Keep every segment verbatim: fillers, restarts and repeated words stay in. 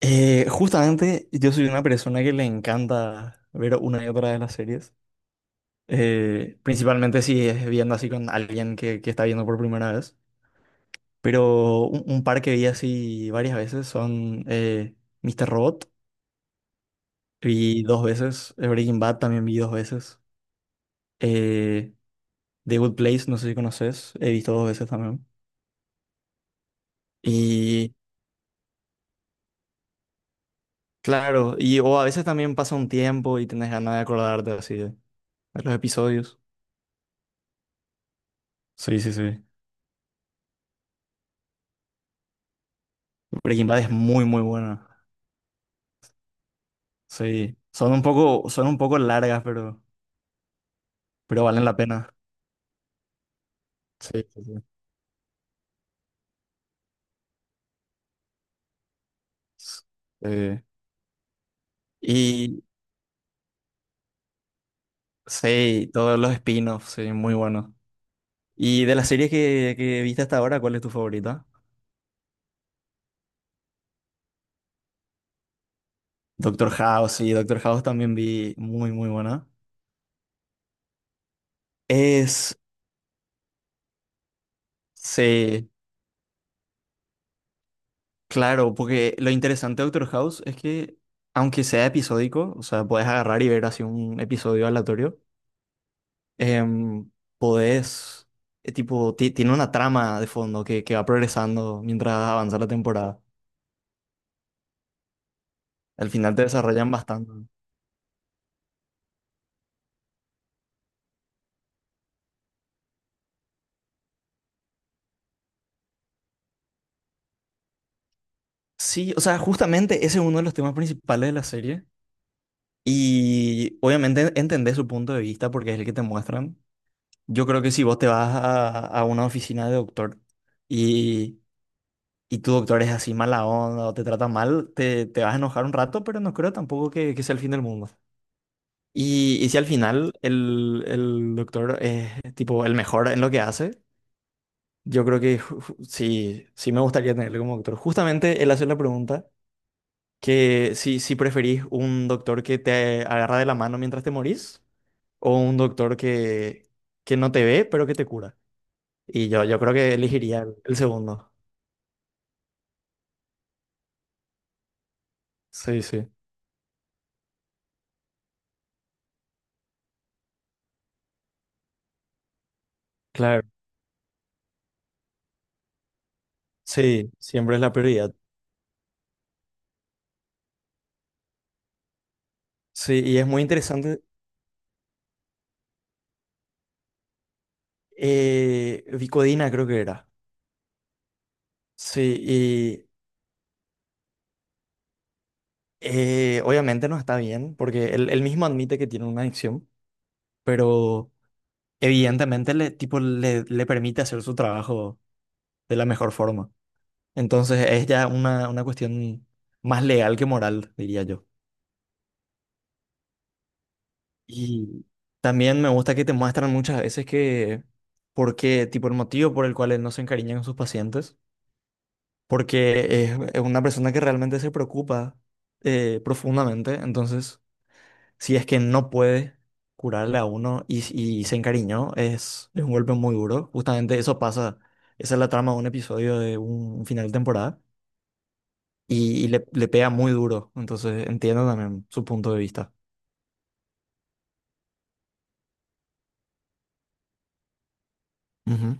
Eh, justamente yo soy una persona que le encanta ver una y otra de las series, eh, principalmente si es viendo así con alguien que, que está viendo por primera vez, pero un, un par que vi así varias veces son eh, míster Robot, vi dos veces, eh, Breaking Bad también vi dos veces, eh, The Good Place, no sé si conoces, he visto dos veces también. Y claro, y o a veces también pasa un tiempo y tenés ganas de acordarte así de de los episodios. Sí, sí, sí. Breaking Bad es muy, muy buena. Sí. Son un poco, son un poco largas, pero, pero valen la pena. Sí, sí, sí. Sí. Y sí, todos los spin-offs, sí, muy buenos. Y de las series que, que viste hasta ahora, ¿cuál es tu favorita? Doctor House, sí, Doctor House también vi muy, muy buena. Es, sí, claro, porque lo interesante de Doctor House es que, aunque sea episódico, o sea, puedes agarrar y ver así un episodio aleatorio, em, podés, eh, tipo, ti- tiene una trama de fondo que, que va progresando mientras avanza la temporada. Al final te desarrollan bastante. Sí, o sea, justamente ese es uno de los temas principales de la serie. Y obviamente entendés su punto de vista porque es el que te muestran. Yo creo que si vos te vas a, a una oficina de doctor y, y tu doctor es así mala onda o te trata mal, te, te vas a enojar un rato, pero no creo tampoco que, que sea el fin del mundo. Y, y si al final el, el doctor es tipo el mejor en lo que hace, yo creo que ju- ju- sí, sí me gustaría tenerlo como doctor. Justamente él hace la pregunta que si, si preferís un doctor que te agarra de la mano mientras te morís o un doctor que, que no te ve pero que te cura. Y yo, yo creo que elegiría el, el segundo. Sí, sí. Claro. Sí, siempre es la prioridad. Sí, y es muy interesante. Eh, Vicodina creo que era. Sí. Eh, obviamente no está bien, porque él, él mismo admite que tiene una adicción, pero evidentemente le, tipo, le, le permite hacer su trabajo de la mejor forma. Entonces es ya una, una cuestión más legal que moral, diría yo. Y también me gusta que te muestran muchas veces que, por qué, tipo, el motivo por el cual él no se encariña con sus pacientes, porque es, es una persona que realmente se preocupa eh, profundamente, entonces... si es que no puede curarle a uno y, y se encariñó, es, es un golpe muy duro. Justamente eso pasa, esa es la trama de un episodio de un, un final de temporada y, y le, le pega muy duro. Entonces entiendo también su punto de vista. Ujú.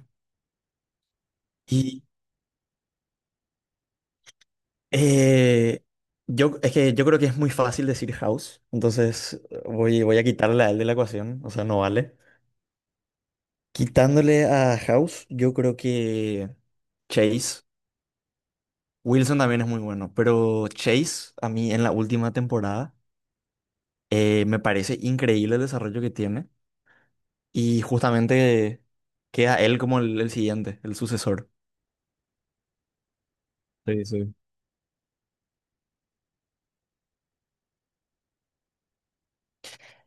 Y eh, yo, es que yo creo que es muy fácil decir House, entonces voy, voy a quitarle a él de la ecuación, o sea, no vale. Quitándole a House, yo creo que Chase. Wilson también es muy bueno, pero Chase, a mí en la última temporada, eh, me parece increíble el desarrollo que tiene y justamente queda él como el, el siguiente, el sucesor. Sí, sí.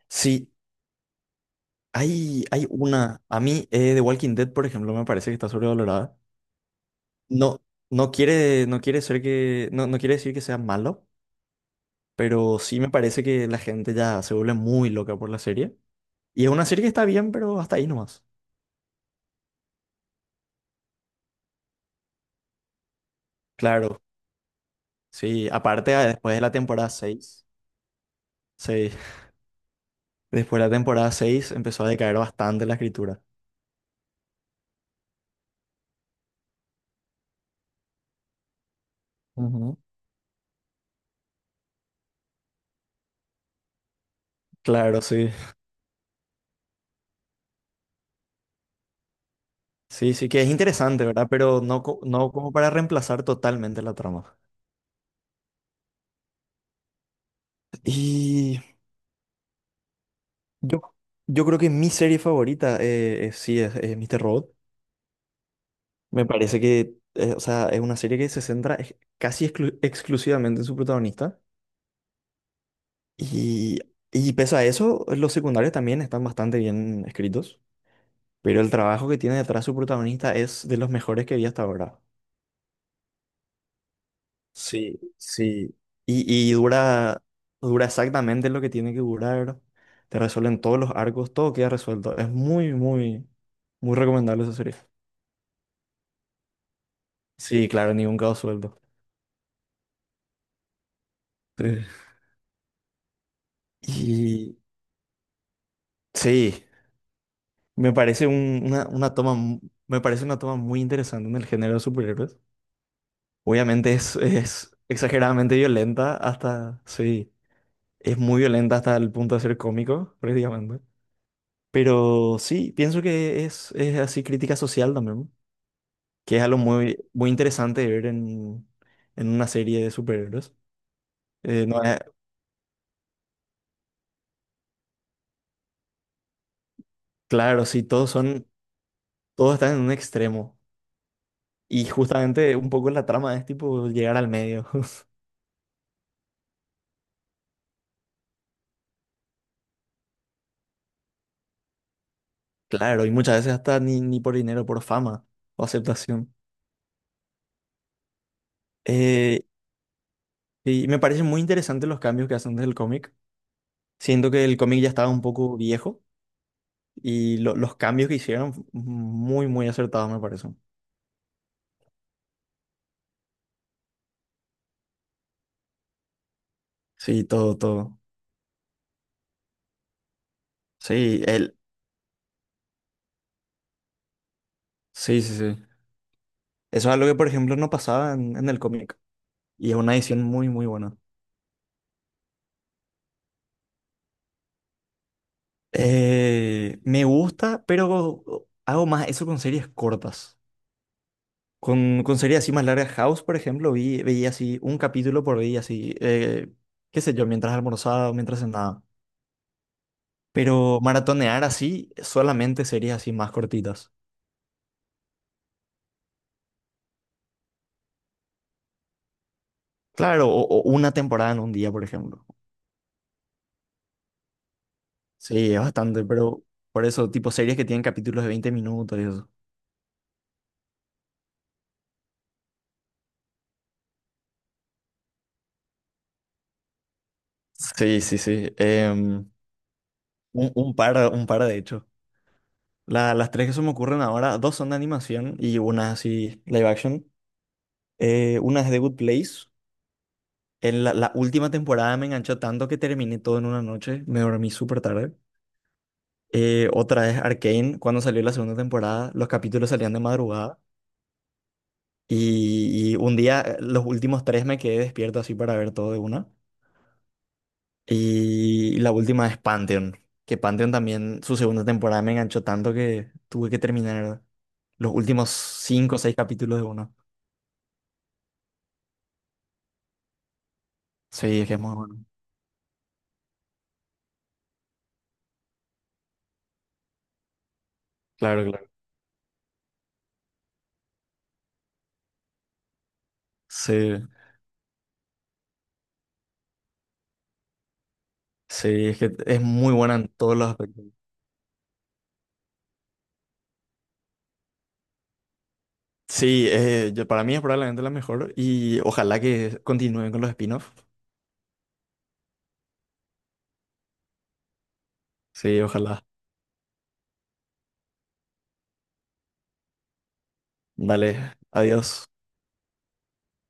Sí, hay, hay una, a mí eh, The Walking Dead, por ejemplo, me parece que está sobrevalorada. No, no quiere, no quiere ser que, no, no quiere decir que sea malo, pero sí me parece que la gente ya se vuelve muy loca por la serie. Y es una serie que está bien, pero hasta ahí nomás. Claro. Sí, aparte ah, después de la temporada seis, sí, después de la temporada seis empezó a decaer bastante la escritura. Ujú. Claro, sí. Sí, sí que es interesante, ¿verdad? Pero no, co- no como para reemplazar totalmente la trama. Y yo, yo creo que mi serie favorita eh, eh, sí es, es míster Robot. Me parece que, eh, o sea, es una serie que se centra ex- casi exclu- exclusivamente en su protagonista. Y, y pese a eso, los secundarios también están bastante bien escritos. Pero el trabajo que tiene detrás su protagonista es de los mejores que vi hasta ahora. Sí, sí. Y, y dura, dura exactamente lo que tiene que durar. Te resuelven todos los arcos, todo queda resuelto. Es muy, muy, muy recomendable esa serie. Sí, claro, ningún cabo suelto. eh, Y sí, me parece un- una, una toma, mu- me parece una toma muy interesante en el género de superhéroes. Obviamente es, es exageradamente violenta hasta, sí. Es muy violenta hasta el punto de ser cómico, prácticamente. Pero sí, pienso que es, es así crítica social también, que es algo muy, muy interesante de ver en, en una serie de superhéroes. Eh, no es- claro, sí, todos son, todos están en un extremo. Y justamente un poco la trama es tipo llegar al medio. Claro, y muchas veces hasta ni, ni por dinero, por fama o aceptación. Eh, y me parecen muy interesantes los cambios que hacen desde el cómic. Siento que el cómic ya estaba un poco viejo. Y lo- los cambios que hicieron, muy, muy acertados, me parece. Sí, todo, todo. Sí, él. Sí, sí, sí. Eso es algo que, por ejemplo, no pasaba en, en el cómic. Y es una edición muy, muy buena. Eh, me gusta, pero hago más eso con series cortas. Con, con series así más largas. House, por ejemplo, vi, veía así un capítulo por día, así, eh, qué sé yo, mientras almorzaba o mientras cenaba. Pero maratonear así, solamente series así más cortitas. Claro, o, o una temporada en un día, por ejemplo. Sí, es bastante, pero por eso, tipo series que tienen capítulos de veinte minutos y eso. Sí, sí, sí. Em, un, un par, un par de hecho. La- las tres que se me ocurren ahora, dos son de animación y una así live action. Eh, una es The Good Place. En la, la última temporada me enganchó tanto que terminé todo en una noche. Me dormí súper tarde. Eh, otra es Arcane. Cuando salió la segunda temporada, los capítulos salían de madrugada. Y, y un día, eh, los últimos tres me quedé despierto así para ver todo de una. Y la última es Pantheon, que Pantheon también, su segunda temporada me enganchó tanto que tuve que terminar los últimos cinco o seis capítulos de uno. Sí, es que es muy bueno. Claro, claro. Sí, sí, es que es muy buena en todos los aspectos. Sí, eh, yo- para mí es probablemente la mejor y ojalá que continúen con los spin-offs. Sí, ojalá. Dale, adiós.